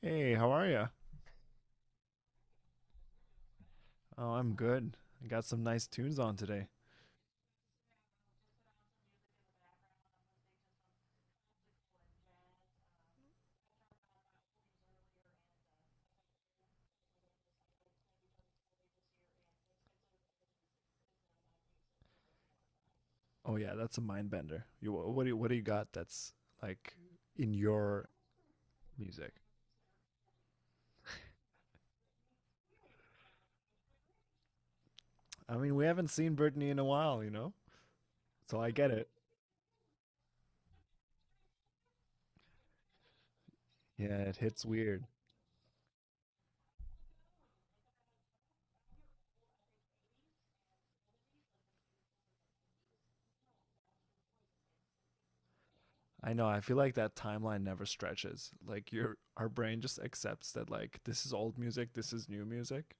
Hey, how are you? Oh, I'm good. I got some nice tunes on today. Oh yeah, that's a mind bender. What do you got that's like in your music? I mean, we haven't seen Britney in a while, you know? So I get it. Yeah, it hits weird. I know. I feel like that timeline never stretches. Like your our brain just accepts that, like, this is old music, this is new music,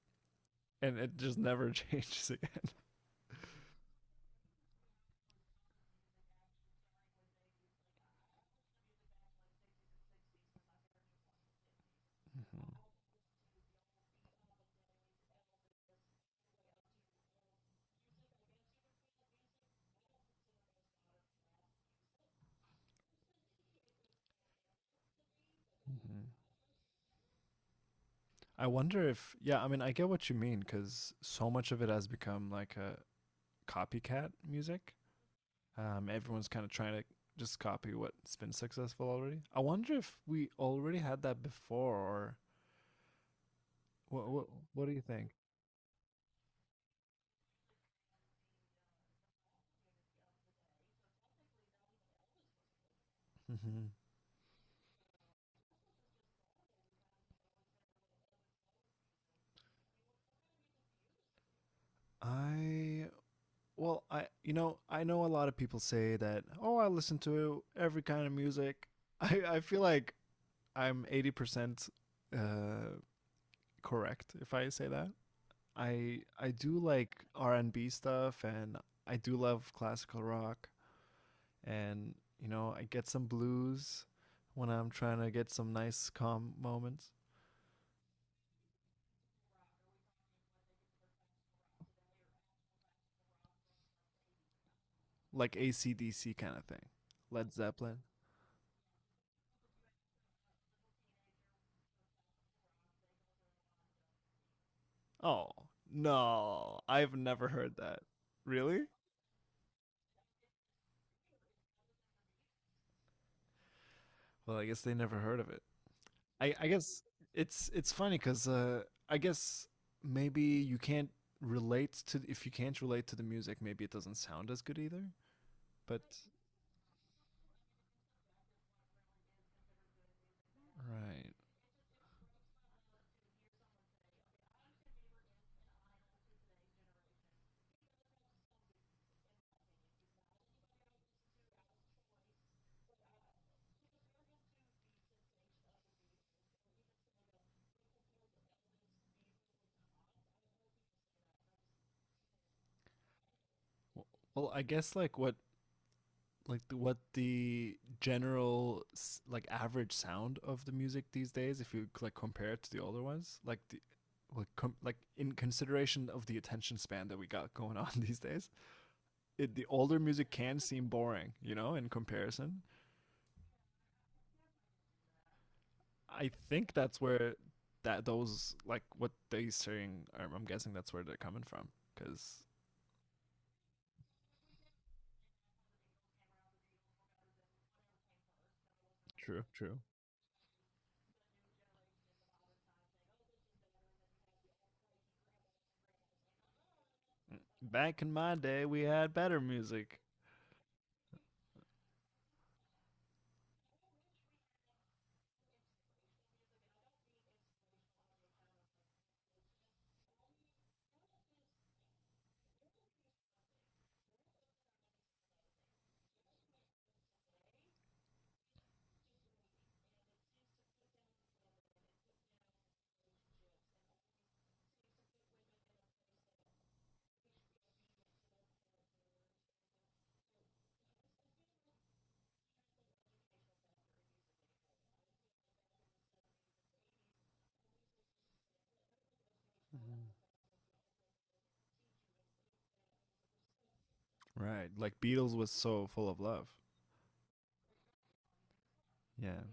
and it just never changes again. Mhm. I wonder if yeah, I mean, I get what you mean cuz so much of it has become like a copycat music. Everyone's kind of trying to just copy what's been successful already. I wonder if we already had that before, or what? What do you think? Mm-hmm. I well, I, I know a lot of people say that, oh, I listen to every kind of music. I feel like I'm 80% uh, correct if I say that. I do like R and B stuff, and I do love classical rock, and I get some blues when I'm trying to get some nice calm moments, like AC/DC kind of thing, Led Zeppelin. Oh no, I've never heard that. Really? Well, I guess they never heard of it. I guess it's funny because I guess maybe you can't relate to, if you can't relate to the music, maybe it doesn't sound as good either. But right. Well, I guess like, what the general like average sound of the music these days, if you like compare it to the older ones like the like, in consideration of the attention span that we got going on these days, the older music can seem boring, you know, in comparison. I think that's where that those, like, what they're saying, I'm guessing that's where they're coming from, because true, true, back in my day we had better music, right, like Beatles was so full of love. Yeah.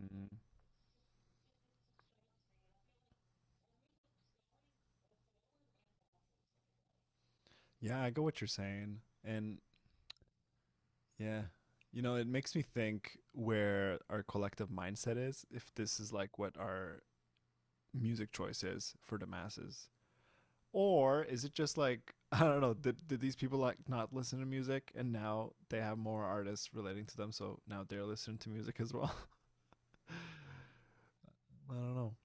Mm. Yeah, I get what you're saying. And yeah, you know, it makes me think where our collective mindset is, if this is like what our music choice is for the masses. Or is it just like, I don't know, did these people like not listen to music and now they have more artists relating to them, so now they're listening to music as well? I don't know.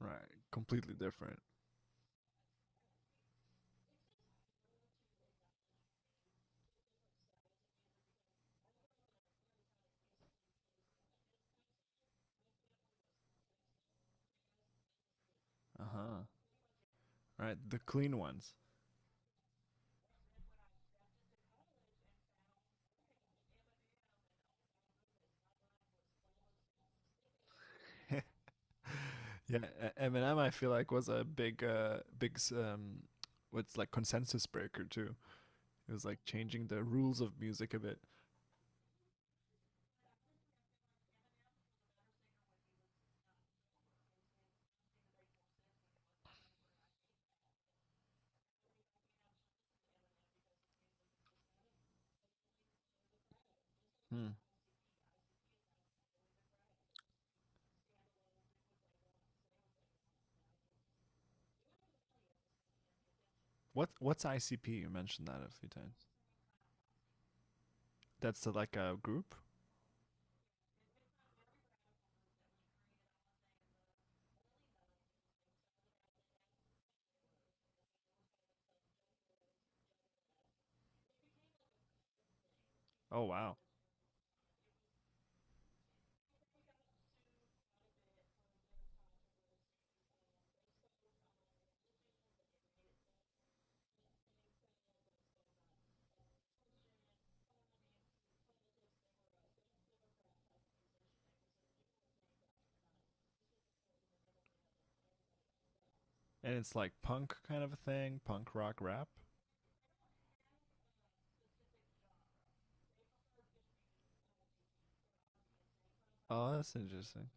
Right. Completely different. Uh huh. Right. The clean ones. Yeah, Eminem, I feel like was a big, big, what's like consensus breaker too. It was like changing the rules of music a bit. Hmm. What's ICP? You mentioned that a few times. That's like a group. Oh wow, and it's like punk kind of a thing, punk rock rap. Oh, that's interesting.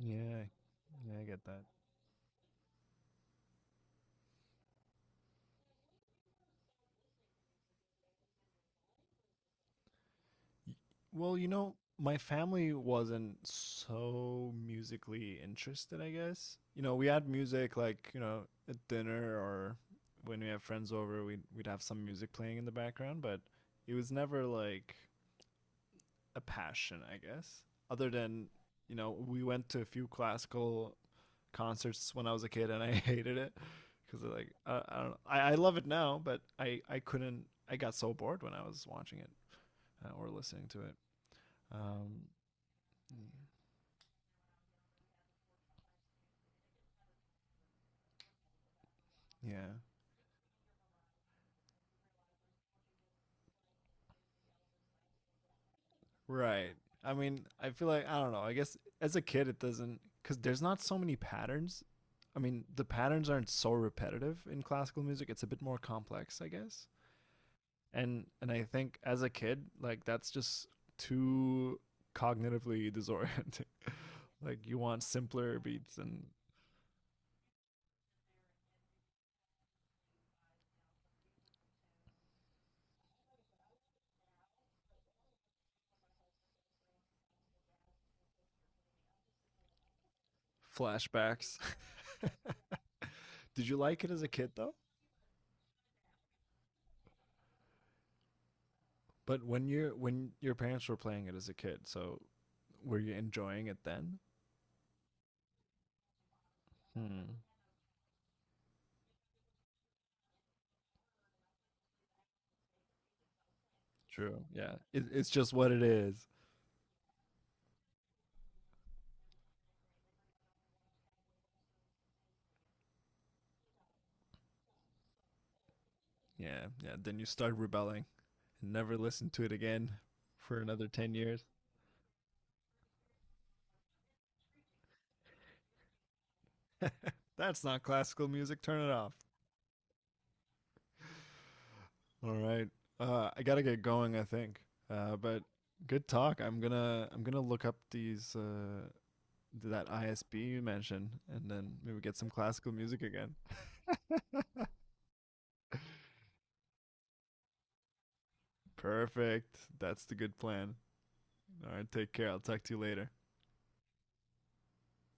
Yeah, yeah, I get that. Y- Well, you know, my family wasn't so musically interested, I guess. You know, we had music like, you know, at dinner, or when we have friends over, we'd have some music playing in the background, but it was never like a passion, I guess. Other than, you know, we went to a few classical concerts when I was a kid and I hated it because like I don't know. I love it now, but I couldn't, I got so bored when I was watching it or listening to it. Um yeah. Right. I mean, I feel like I don't know. I guess as a kid, it doesn't, because there's not so many patterns. I mean, the patterns aren't so repetitive in classical music. It's a bit more complex, I guess. And I think as a kid, like that's just too cognitively disorienting. Like you want simpler beats and flashbacks. Did you like it as a kid though? But when you're when your parents were playing it as a kid, so were you enjoying it then? Hmm. True. Yeah. It's just what it is. Yeah. Yeah. Then you start rebelling and never listen to it again for another 10 years. That's not classical music. Turn it off. All right. I got to get going, I think. But good talk. I'm going to look up these that ISB you mentioned and then maybe get some classical music again. Perfect. That's the good plan. All right. Take care. I'll talk to you later.